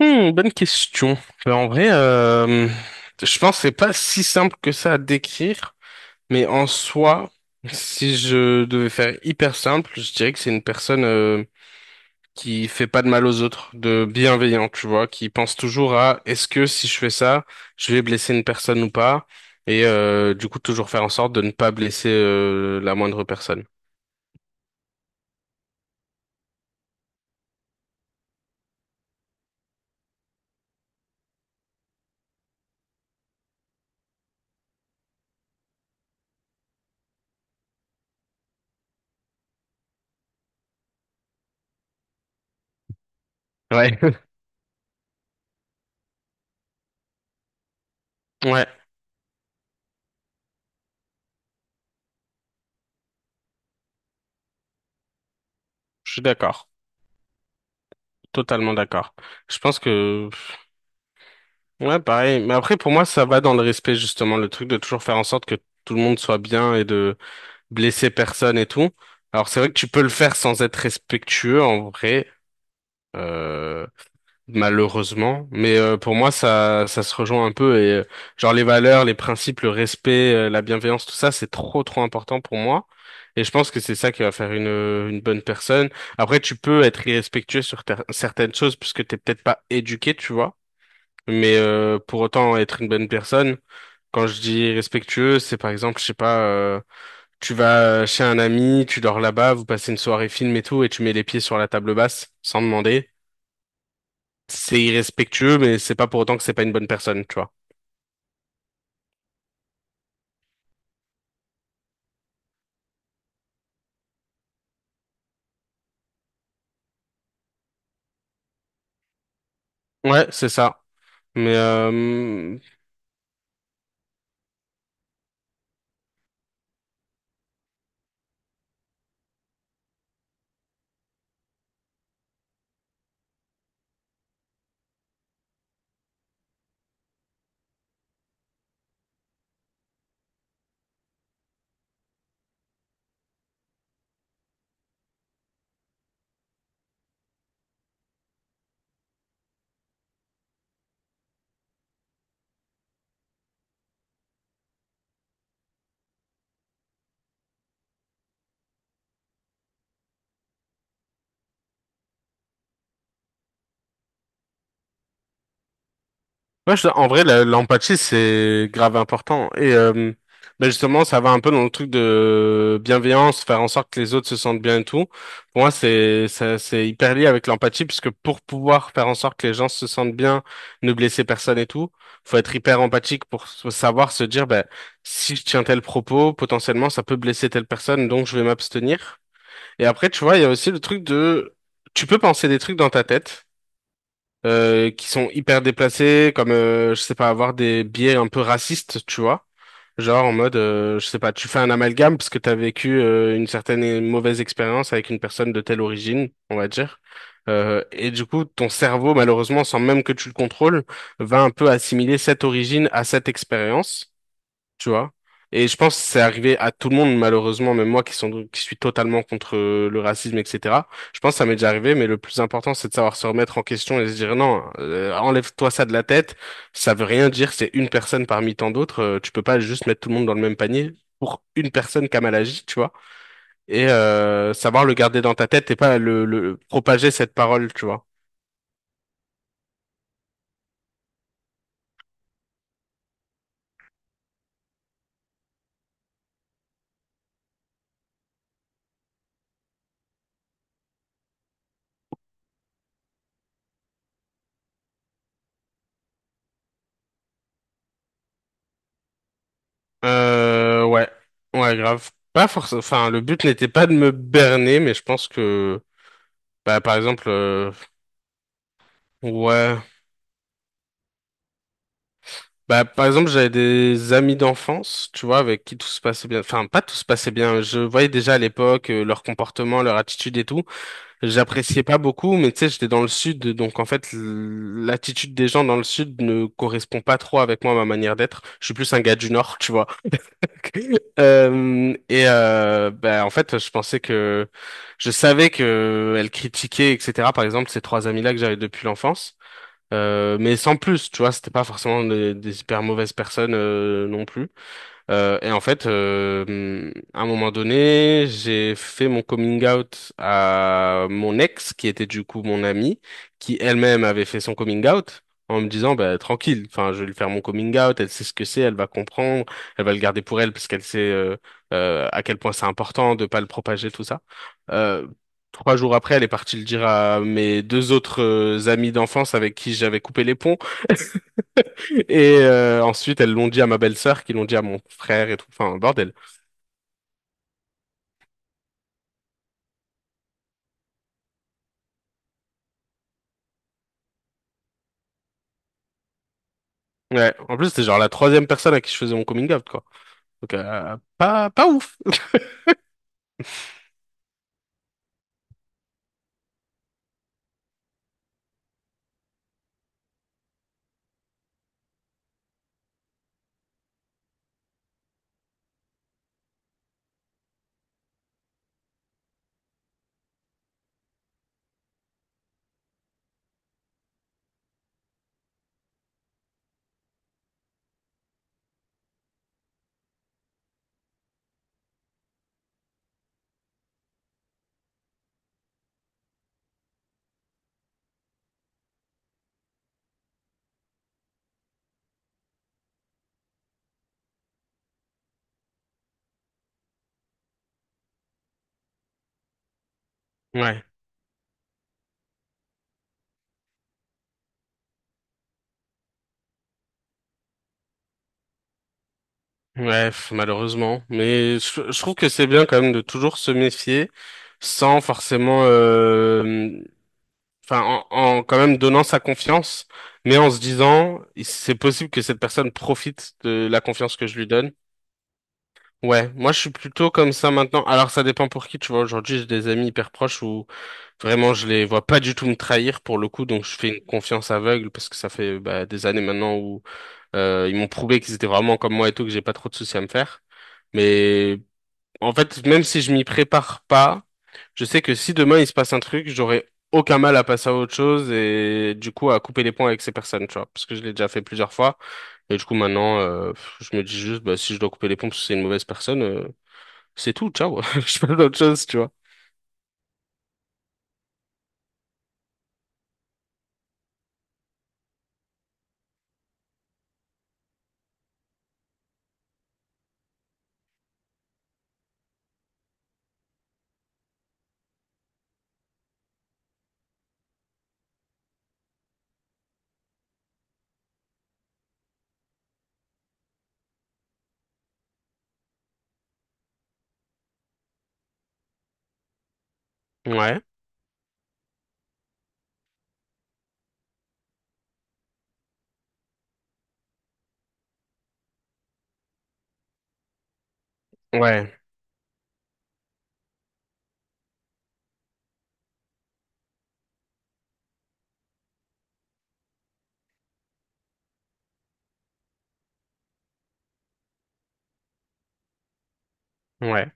Bonne question. Euh, En vrai, euh, je pense que c'est pas si simple que ça à décrire, mais en soi, si je devais faire hyper simple, je dirais que c'est une personne qui fait pas de mal aux autres, de bienveillant, tu vois, qui pense toujours à est-ce que si je fais ça, je vais blesser une personne ou pas, et du coup toujours faire en sorte de ne pas blesser la moindre personne. Ouais. Ouais, je suis d'accord. Totalement d'accord. Je pense que, ouais, pareil. Mais après, pour moi, ça va dans le respect, justement, le truc de toujours faire en sorte que tout le monde soit bien et de blesser personne et tout. Alors, c'est vrai que tu peux le faire sans être respectueux, en vrai. Euh, Malheureusement, mais pour moi ça se rejoint un peu et genre les valeurs, les principes, le respect, la bienveillance, tout ça c'est trop important pour moi et je pense que c'est ça qui va faire une bonne personne. Après tu peux être irrespectueux sur certaines choses puisque t'es peut-être pas éduqué, tu vois, mais pour autant être une bonne personne. Quand je dis irrespectueux, c'est par exemple, je sais pas, tu vas chez un ami, tu dors là-bas, vous passez une soirée film et tout et tu mets les pieds sur la table basse sans demander, c'est irrespectueux, mais c'est pas pour autant que c'est pas une bonne personne, tu vois. Ouais, c'est ça. Mais euh, Ouais, en vrai, l'empathie, c'est grave important. Et ben justement, ça va un peu dans le truc de bienveillance, faire en sorte que les autres se sentent bien et tout. Pour moi, c'est hyper lié avec l'empathie, puisque pour pouvoir faire en sorte que les gens se sentent bien, ne blesser personne et tout, faut être hyper empathique pour savoir se dire, ben, si je tiens tel propos, potentiellement, ça peut blesser telle personne, donc je vais m'abstenir. Et après, tu vois, il y a aussi le truc de... Tu peux penser des trucs dans ta tête qui sont hyper déplacés, comme je sais pas, avoir des biais un peu racistes, tu vois. Genre en mode, je sais pas, tu fais un amalgame parce que t'as vécu une certaine mauvaise expérience avec une personne de telle origine, on va dire. Et du coup, ton cerveau, malheureusement, sans même que tu le contrôles, va un peu assimiler cette origine à cette expérience, tu vois. Et je pense que c'est arrivé à tout le monde, malheureusement, même moi qui suis totalement contre le racisme, etc. Je pense que ça m'est déjà arrivé, mais le plus important, c'est de savoir se remettre en question et se dire non, enlève-toi ça de la tête, ça veut rien dire, c'est une personne parmi tant d'autres, tu peux pas juste mettre tout le monde dans le même panier pour une personne qui a mal agi, tu vois, et savoir le garder dans ta tête et pas le propager cette parole, tu vois. Ouais, ouais, grave. Pas forcément. Enfin, le but n'était pas de me berner, mais je pense que, bah, par exemple, ouais. Bah, par exemple, j'avais des amis d'enfance, tu vois, avec qui tout se passait bien. Enfin, pas tout se passait bien. Je voyais déjà à l'époque leur comportement, leur attitude et tout. J'appréciais pas beaucoup, mais tu sais, j'étais dans le sud, donc en fait, l'attitude des gens dans le sud ne correspond pas trop avec moi, ma manière d'être. Je suis plus un gars du nord, tu vois. Bah, en fait, je savais que elle critiquait, etc. Par exemple, ces 3 amis-là que j'avais depuis l'enfance. Mais sans plus, tu vois, c'était pas forcément des super mauvaises personnes non plus. À un moment donné, j'ai fait mon coming out à mon ex, qui était du coup mon amie, qui elle-même avait fait son coming out, en me disant, bah, tranquille, enfin, je vais lui faire mon coming out, elle sait ce que c'est, elle va comprendre, elle va le garder pour elle, parce qu'elle sait à quel point c'est important de pas le propager, tout ça. Euh, 3 jours après, elle est partie le dire à mes 2 autres amis d'enfance avec qui j'avais coupé les ponts. Et ensuite, elles l'ont dit à ma belle-sœur, qui l'ont dit à mon frère et tout. Enfin, bordel. Ouais. En plus, c'était genre la troisième personne à qui je faisais mon coming out, quoi. Donc, pas ouf. Ouais. Ouais, pff, malheureusement. Mais je trouve que c'est bien quand même de toujours se méfier sans forcément, enfin, en quand même donnant sa confiance, mais en se disant, c'est possible que cette personne profite de la confiance que je lui donne. Ouais, moi je suis plutôt comme ça maintenant. Alors ça dépend pour qui, tu vois. Aujourd'hui, j'ai des amis hyper proches où vraiment je les vois pas du tout me trahir pour le coup, donc je fais une confiance aveugle parce que ça fait bah, des années maintenant où ils m'ont prouvé qu'ils étaient vraiment comme moi et tout, que j'ai pas trop de soucis à me faire. Mais en fait, même si je m'y prépare pas, je sais que si demain il se passe un truc, j'aurai aucun mal à passer à autre chose et du coup à couper les ponts avec ces personnes, tu vois, parce que je l'ai déjà fait plusieurs fois. Et du coup maintenant, je me dis juste, bah, si je dois couper les ponts parce que c'est une mauvaise personne, c'est tout, ciao. Je fais d'autres choses, tu vois. Ouais, ouais, ouais.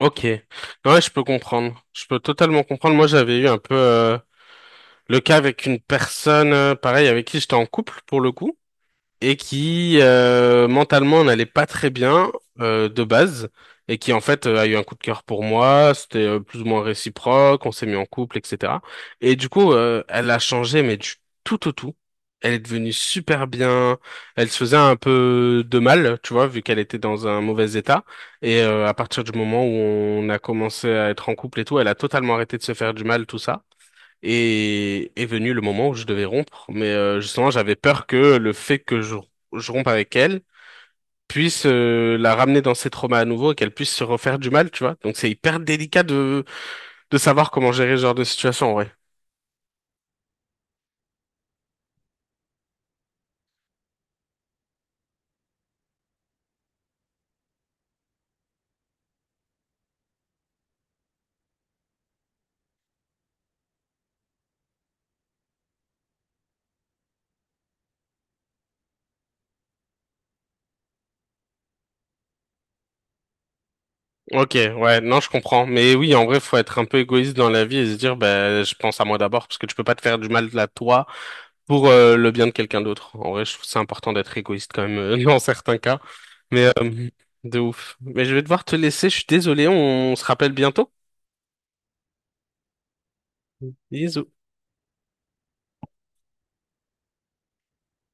Ok, ouais, je peux comprendre. Je peux totalement comprendre. Moi, j'avais eu un peu le cas avec une personne, pareil, avec qui j'étais en couple pour le coup, et qui mentalement n'allait pas très bien de base et qui en fait a eu un coup de cœur pour moi, c'était plus ou moins réciproque, on s'est mis en couple, etc. Et du coup, elle a changé, mais du tout au tout. Elle est devenue super bien. Elle se faisait un peu de mal, tu vois, vu qu'elle était dans un mauvais état. Et à partir du moment où on a commencé à être en couple et tout, elle a totalement arrêté de se faire du mal, tout ça. Et est venu le moment où je devais rompre, mais justement j'avais peur que le fait que je rompe avec elle puisse la ramener dans ses traumas à nouveau et qu'elle puisse se refaire du mal, tu vois. Donc c'est hyper délicat de savoir comment gérer ce genre de situation, en vrai. Ok, ouais, non, je comprends. Mais oui, en vrai, faut être un peu égoïste dans la vie et se dire, bah, je pense à moi d'abord, parce que tu peux pas te faire du mal à toi pour le bien de quelqu'un d'autre. En vrai, je trouve c'est important d'être égoïste quand même dans certains cas. Mais euh, de ouf. Mais je vais devoir te laisser, je suis désolé, on se rappelle bientôt. Bisous.